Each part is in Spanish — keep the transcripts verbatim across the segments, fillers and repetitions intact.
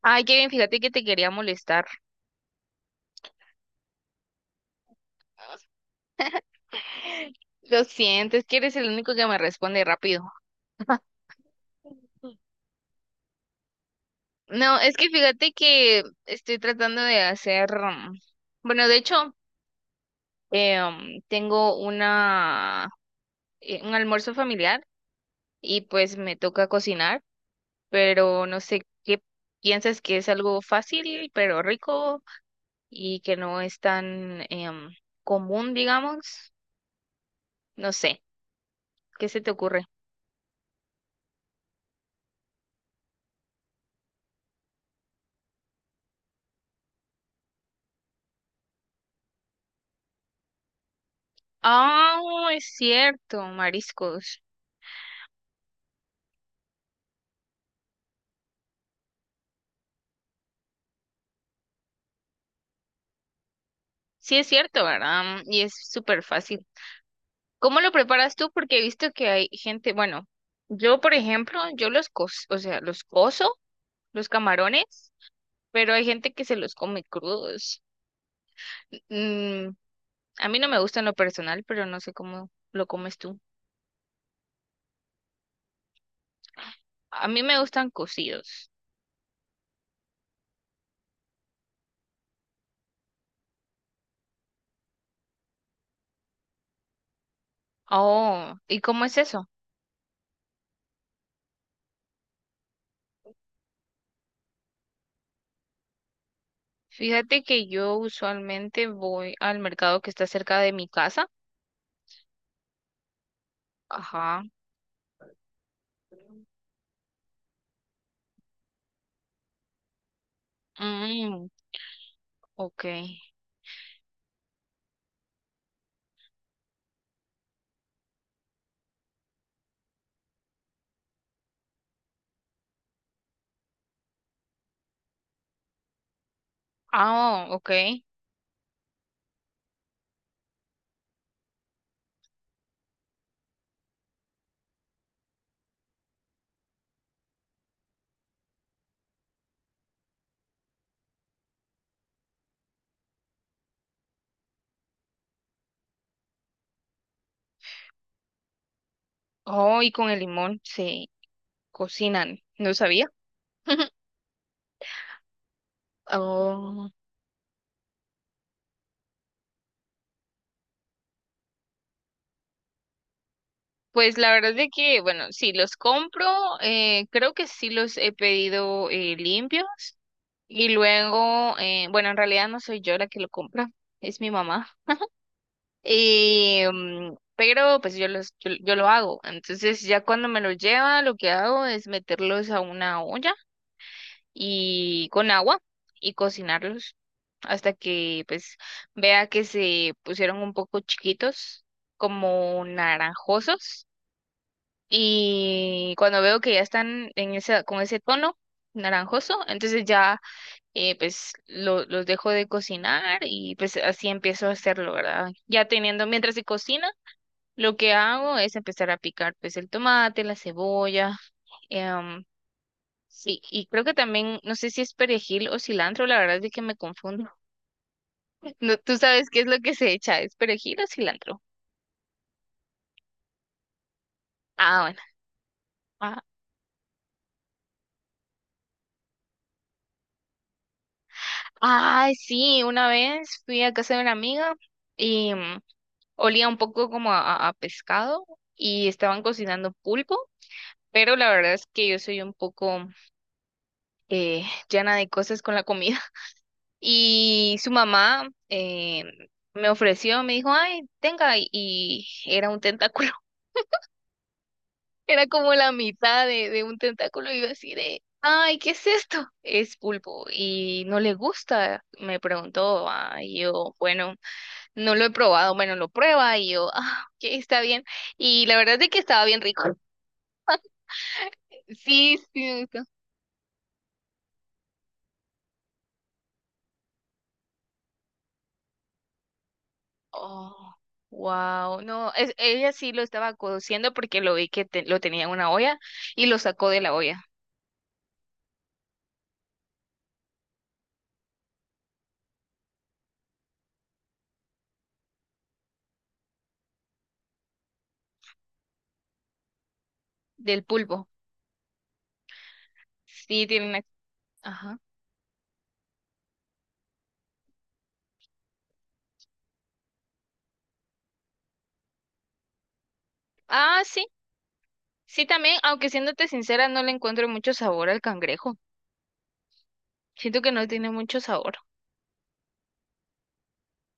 Ay, Kevin, fíjate que te quería molestar. Lo siento, es que eres el único que me responde rápido. No, es que fíjate que estoy tratando de hacer, mm, bueno, de hecho, eh, mm, tengo una, eh, un almuerzo familiar y pues me toca cocinar, pero no sé qué piensas que es algo fácil, pero rico y que no es tan em, común, digamos. No sé, ¿qué se te ocurre? Ah, es cierto, mariscos. Sí, es cierto, ¿verdad? Y es súper fácil. ¿Cómo lo preparas tú? Porque he visto que hay gente, bueno, yo, por ejemplo, yo los co, o sea, los coso, los camarones, pero hay gente que se los come crudos. Mm, a mí no me gustan lo personal, pero no sé cómo lo comes tú. A mí me gustan cocidos. Oh, ¿y cómo es eso? Fíjate que yo usualmente voy al mercado que está cerca de mi casa. Ajá. Mm, ok. Ah, ok. Oh, y con el limón se cocinan. No sabía. Oh, pues la verdad es que, bueno, sí, los compro, eh, creo que sí los he pedido eh, limpios y luego, eh, bueno, en realidad no soy yo la que lo compra, es mi mamá. Y, mm, pero pues yo los, yo, yo lo hago. Entonces ya cuando me los lleva, lo que hago es meterlos a una olla y con agua y cocinarlos hasta que pues vea que se pusieron un poco chiquitos, como naranjosos. Y cuando veo que ya están en esa, con ese tono naranjoso, entonces ya eh, pues lo- los dejo de cocinar y pues así empiezo a hacerlo, ¿verdad? Ya teniendo, mientras se cocina, lo que hago es empezar a picar pues el tomate, la cebolla, em, sí, y creo que también, no sé si es perejil o cilantro, la verdad es de que me confundo. No, ¿tú sabes qué es lo que se echa? ¿Es perejil o cilantro? Ah, bueno. Ah, ay, sí, una vez fui a casa de una amiga y mm, olía un poco como a, a pescado y estaban cocinando pulpo, pero la verdad es que yo soy un poco eh, llena de cosas con la comida. Y su mamá eh, me ofreció, me dijo, ay, tenga, y y era un tentáculo. Era como la mitad de, de un tentáculo y yo así de, ay, ¿qué es esto? Es pulpo y no le gusta, me preguntó. Ah, y yo, bueno, no lo he probado, bueno, lo prueba y yo, ah, ok, está bien. Y la verdad es que estaba bien rico. Sí, sí, me gustó. Oh, wow, no, es, ella sí lo estaba cociendo porque lo vi que te- lo tenía en una olla y lo sacó de la olla, del pulpo. Sí, tiene una... Ajá. Ah, sí, sí, también, aunque siéndote sincera, no le encuentro mucho sabor al cangrejo. Siento que no tiene mucho sabor,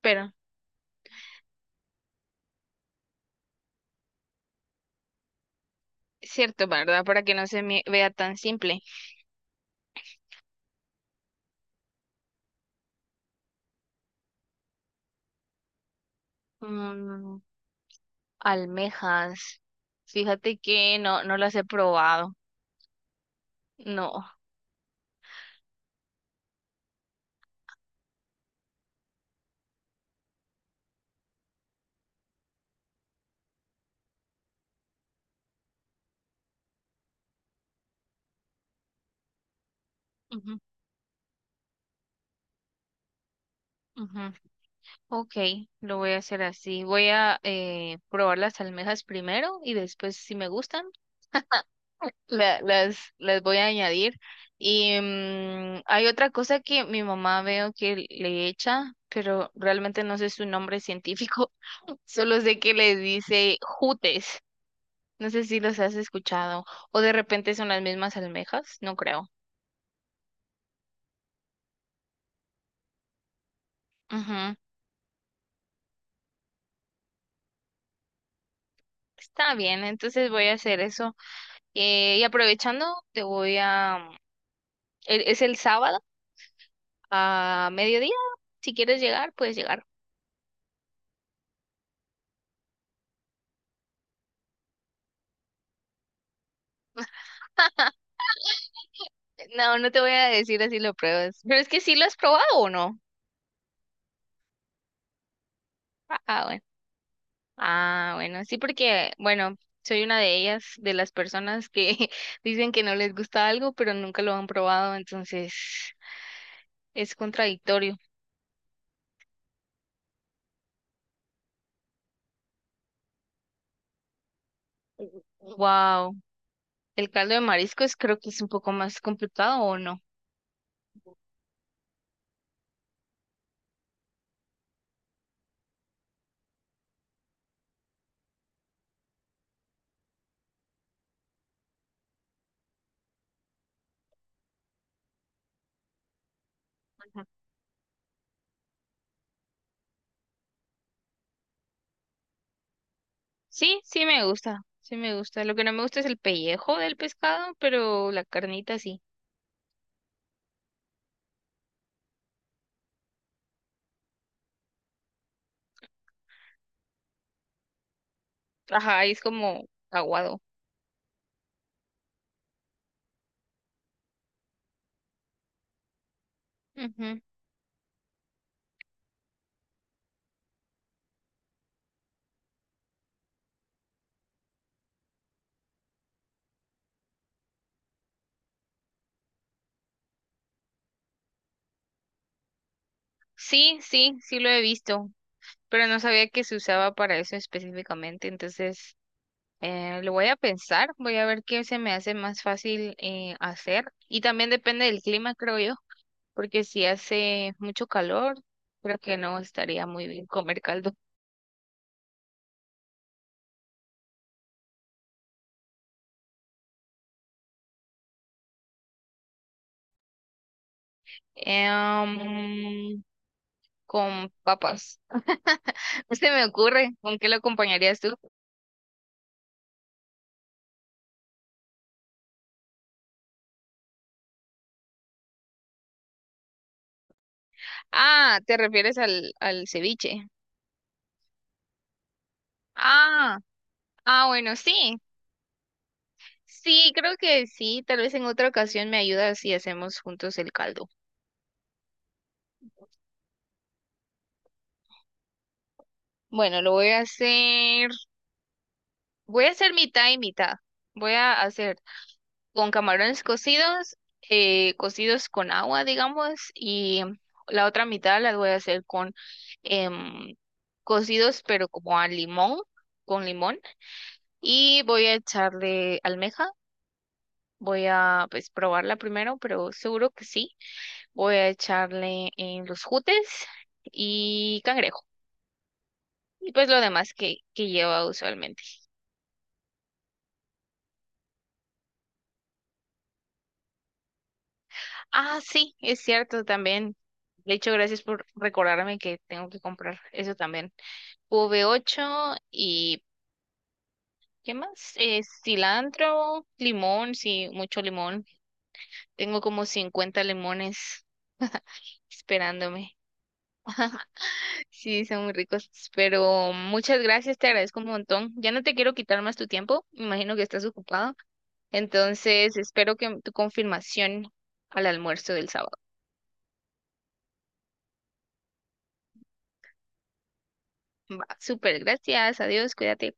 pero es cierto, ¿verdad? Para que no se me vea tan simple. Mm, almejas. Fíjate que no, no las he probado. No. Ujú, ujú. Ok, lo voy a hacer así. Voy a eh, probar las almejas primero y después, si me gustan, la- las, las voy a añadir. Y mm, hay otra cosa que mi mamá veo que le echa, pero realmente no sé su nombre científico, solo sé que le dice jutes. No sé si los has escuchado o de repente son las mismas almejas, no creo. Ujú. Está bien, entonces voy a hacer eso. Eh, y aprovechando, te voy a... e- Es el sábado a mediodía. Si quieres llegar, puedes llegar. No, no te voy a decir así lo pruebas. Pero es que sí lo has probado o no. Ah, ah, bueno. Ah, bueno, sí, porque, bueno, soy una de ellas, de las personas que dicen que no les gusta algo, pero nunca lo han probado, entonces es contradictorio. Wow. El caldo de mariscos creo que es un poco más complicado o no. Ajá. Sí, sí me gusta, sí me gusta. Lo que no me gusta es el pellejo del pescado, pero la carnita sí. Ajá, es como aguado. Ujú. Sí, sí, sí lo he visto. Pero no sabía que se usaba para eso específicamente, entonces eh, lo voy a pensar, voy a ver qué se me hace más fácil eh, hacer y también depende del clima, creo yo, porque si hace mucho calor, creo que no estaría muy bien comer caldo. Eh, um, con papas. No se me ocurre, ¿con qué lo acompañarías tú? Ah, ¿te refieres al, al ceviche? Ah, ah, bueno, sí, sí, creo que sí. Tal vez en otra ocasión me ayudas y hacemos juntos el caldo. Bueno, lo voy a hacer. Voy a hacer mitad y mitad. Voy a hacer con camarones cocidos, eh, cocidos con agua, digamos, y la otra mitad la voy a hacer con em, cocidos, pero como a limón, con limón. Y voy a echarle almeja. Voy a pues probarla primero, pero seguro que sí. Voy a echarle en los jutes y cangrejo. Y pues lo demás que, que lleva usualmente. Ah, sí, es cierto también. De hecho, gracias por recordarme que tengo que comprar eso también. V ocho y ¿qué más? Eh, cilantro, limón, sí, mucho limón. Tengo como cincuenta limones esperándome. Sí, son muy ricos. Pero muchas gracias, te agradezco un montón. Ya no te quiero quitar más tu tiempo. Me imagino que estás ocupado. Entonces, espero que tu confirmación al almuerzo del sábado. Va, súper, gracias, adiós, cuídate.